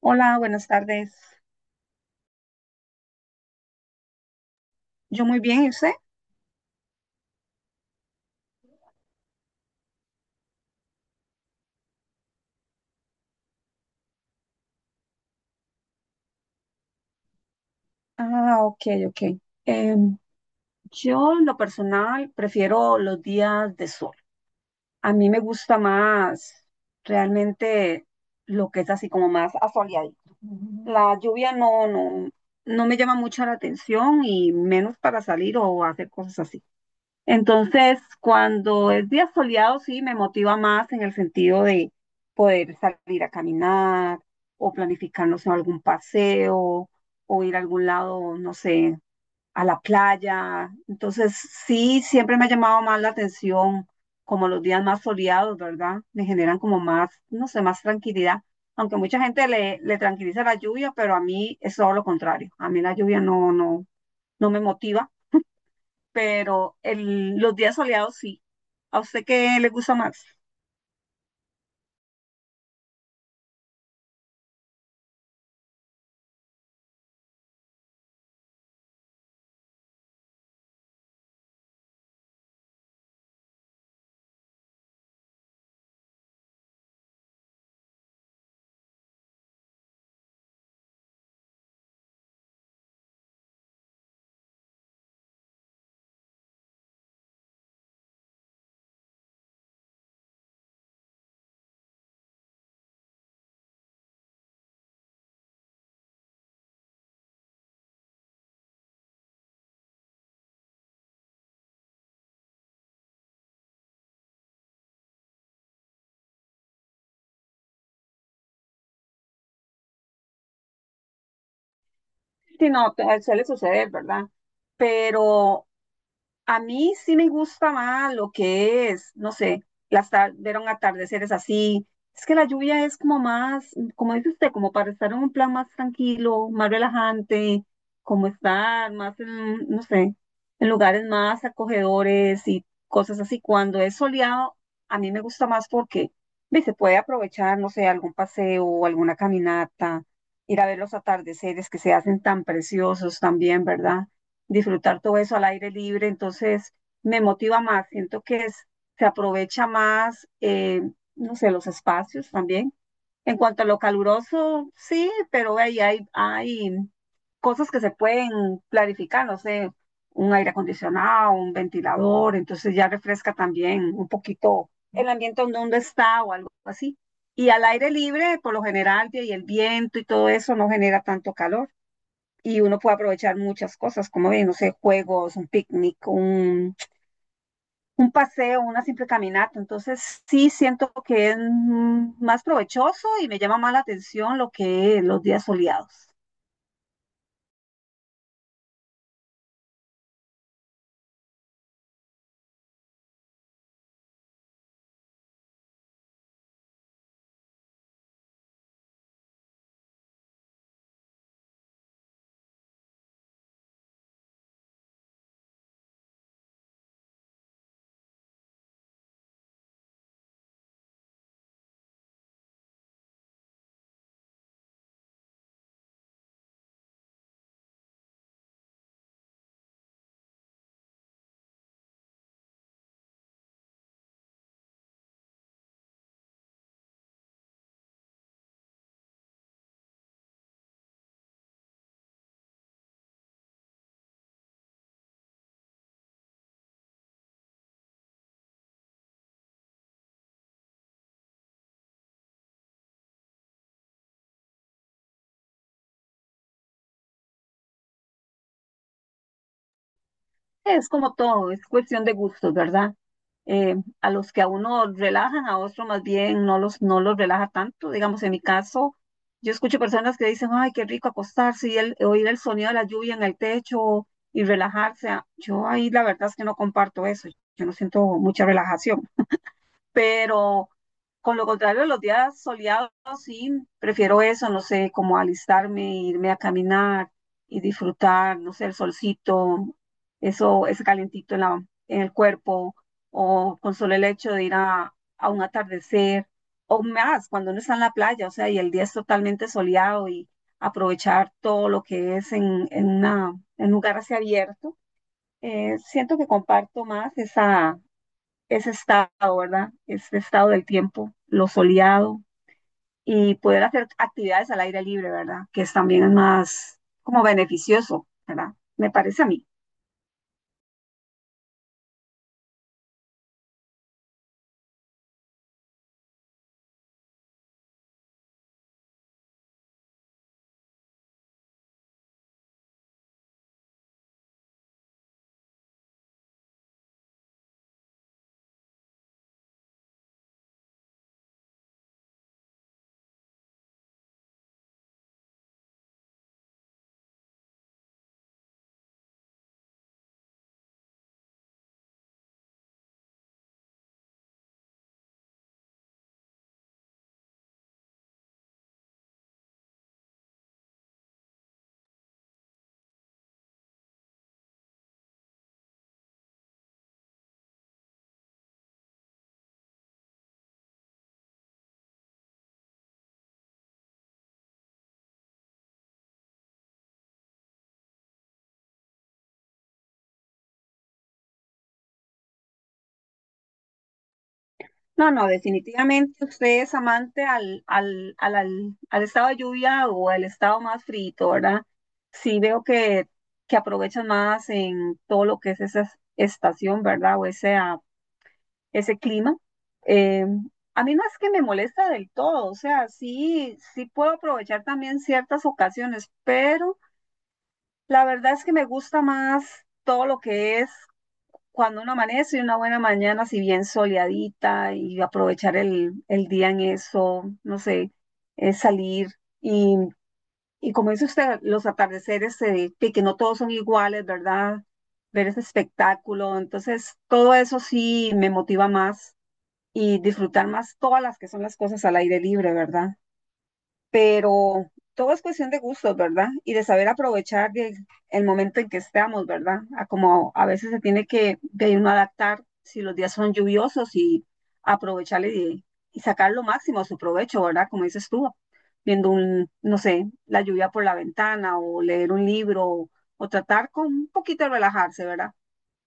Hola, buenas tardes. Yo muy bien, ¿y usted? Ah, ok, ok. Em, yo en lo personal prefiero los días de sol. A mí me gusta más realmente lo que es así como más asoleadito. La lluvia no, no, no me llama mucho la atención y menos para salir o hacer cosas así. Entonces, cuando es día soleado, sí, me motiva más en el sentido de poder salir a caminar o planificarnos en algún paseo o ir a algún lado, no sé, a la playa. Entonces, sí, siempre me ha llamado más la atención como los días más soleados, ¿verdad? Me generan como más, no sé, más tranquilidad. Aunque mucha gente le tranquiliza la lluvia, pero a mí es todo lo contrario. A mí la lluvia no, no, no me motiva pero los días soleados sí. ¿A usted qué le gusta más? Sí, no, a usted le sucede, ¿verdad? Pero a mí sí me gusta más lo que es, no sé, las ver un atardeceres así. Es que la lluvia es como más, como dice usted, como para estar en un plan más tranquilo, más relajante, como estar más en, no sé, en lugares más acogedores y cosas así. Cuando es soleado, a mí me gusta más porque ve, se puede aprovechar, no sé, algún paseo, alguna caminata, ir a ver los atardeceres que se hacen tan preciosos también, ¿verdad? Disfrutar todo eso al aire libre, entonces me motiva más, siento que es, se aprovecha más, no sé, los espacios también. En cuanto a lo caluroso, sí, pero ahí hay cosas que se pueden clarificar, no sé, un aire acondicionado, un ventilador, entonces ya refresca también un poquito el ambiente donde uno está o algo así. Y al aire libre, por lo general, y el viento y todo eso no genera tanto calor y uno puede aprovechar muchas cosas, como bien, no sé, juegos, un picnic, un paseo, una simple caminata. Entonces, sí siento que es más provechoso y me llama más la atención lo que los días soleados. Es como todo, es cuestión de gustos, ¿verdad? eh, a los que a uno relajan, a otro más bien no los relaja tanto. Digamos, en mi caso, yo escucho personas que dicen, ay, qué rico acostarse y oír el sonido de la lluvia en el techo y relajarse. Ah, yo ahí la verdad es que no comparto eso, yo no siento mucha relajación pero con lo contrario, los días soleados sí, prefiero eso, no sé, como alistarme, irme a caminar y disfrutar, no sé, el solcito, eso, ese calentito en la, en el cuerpo, o con solo el hecho de ir a un atardecer, o más, cuando uno está en la playa, o sea, y el día es totalmente soleado y aprovechar todo lo que es en, en en un lugar así abierto, siento que comparto más ese estado, ¿verdad? Ese estado del tiempo, lo soleado y poder hacer actividades al aire libre, ¿verdad? Que es también es más como beneficioso, ¿verdad? Me parece a mí. No, no, definitivamente usted es amante al estado de lluvia o al estado más frito, ¿verdad? Sí veo que aprovechan más en todo lo que es esa estación, ¿verdad? O esa ese clima. Eh, a mí no es que me molesta del todo, o sea, sí, sí puedo aprovechar también ciertas ocasiones, pero la verdad es que me gusta más todo lo que es cuando uno amanece y una buena mañana, si bien soleadita, y aprovechar el día en eso, no sé, es salir y, y como dice usted, los atardeceres, que no todos son iguales, ¿verdad? Ver ese espectáculo, entonces todo eso sí me motiva más y disfrutar más todas las que son las cosas al aire libre, ¿verdad? Pero todo es cuestión de gustos, ¿verdad? Y de saber aprovechar el momento en que estamos, ¿verdad? A como a veces se tiene que de uno adaptar si los días son lluviosos y aprovechar y sacar lo máximo a su provecho, ¿verdad? Como dices tú, viendo un, no sé, la lluvia por la ventana o leer un libro o tratar con un poquito de relajarse, ¿verdad?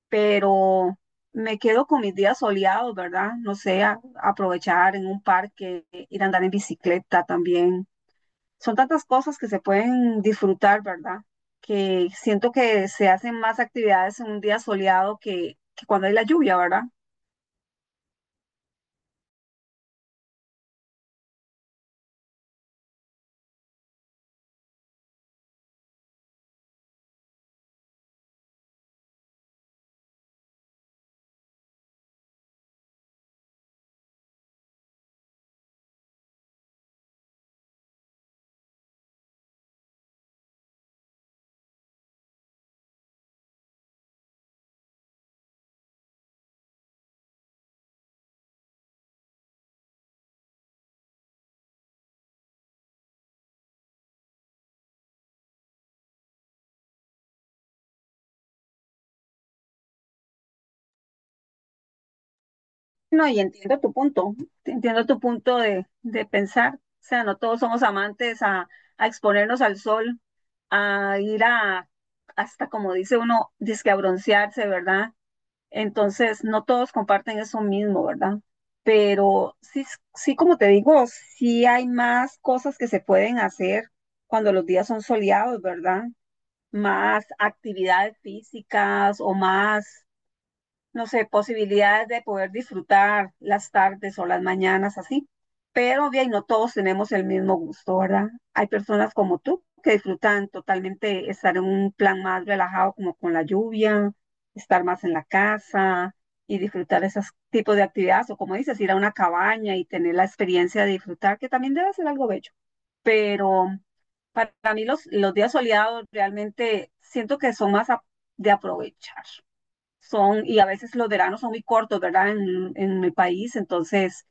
Pero me quedo con mis días soleados, ¿verdad? No sé, aprovechar en un parque, ir a andar en bicicleta también. Son tantas cosas que se pueden disfrutar, ¿verdad? Que siento que se hacen más actividades en un día soleado que cuando hay la lluvia, ¿verdad? No, y entiendo tu punto de pensar. O sea, no todos somos amantes a exponernos al sol, a ir a, hasta como dice uno, disque a broncearse, ¿verdad? Entonces, no todos comparten eso mismo, ¿verdad? Pero sí, sí, como te digo, sí hay más cosas que se pueden hacer cuando los días son soleados, ¿verdad? Más actividades físicas o más no sé, posibilidades de poder disfrutar las tardes o las mañanas así. Pero bien, no todos tenemos el mismo gusto, ¿verdad? Hay personas como tú que disfrutan totalmente estar en un plan más relajado, como con la lluvia, estar más en la casa y disfrutar esos tipos de actividades, o como dices, ir a una cabaña y tener la experiencia de disfrutar, que también debe ser algo bello. Pero para mí los días soleados realmente siento que son más de aprovechar son, y a veces los veranos son muy cortos, ¿verdad? En mi país, entonces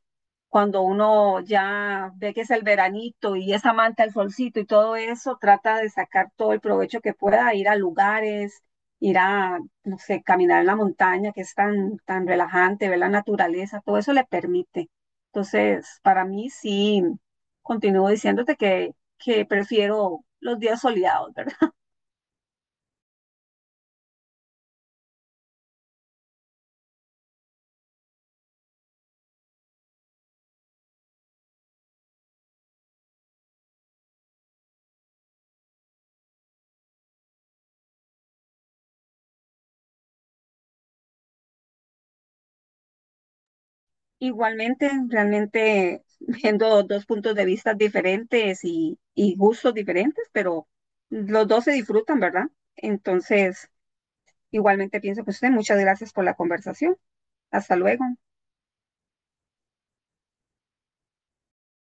cuando uno ya ve que es el veranito y esa manta, el solcito y todo eso, trata de sacar todo el provecho que pueda, ir a lugares, ir a, no sé, caminar en la montaña, que es tan, tan relajante, ver la naturaleza, todo eso le permite. Entonces, para mí sí, continúo diciéndote que prefiero los días soleados, ¿verdad? Igualmente, realmente viendo dos puntos de vista diferentes y gustos diferentes, pero los dos se disfrutan, ¿verdad? Entonces, igualmente pienso que usted, muchas gracias por la conversación. Hasta luego.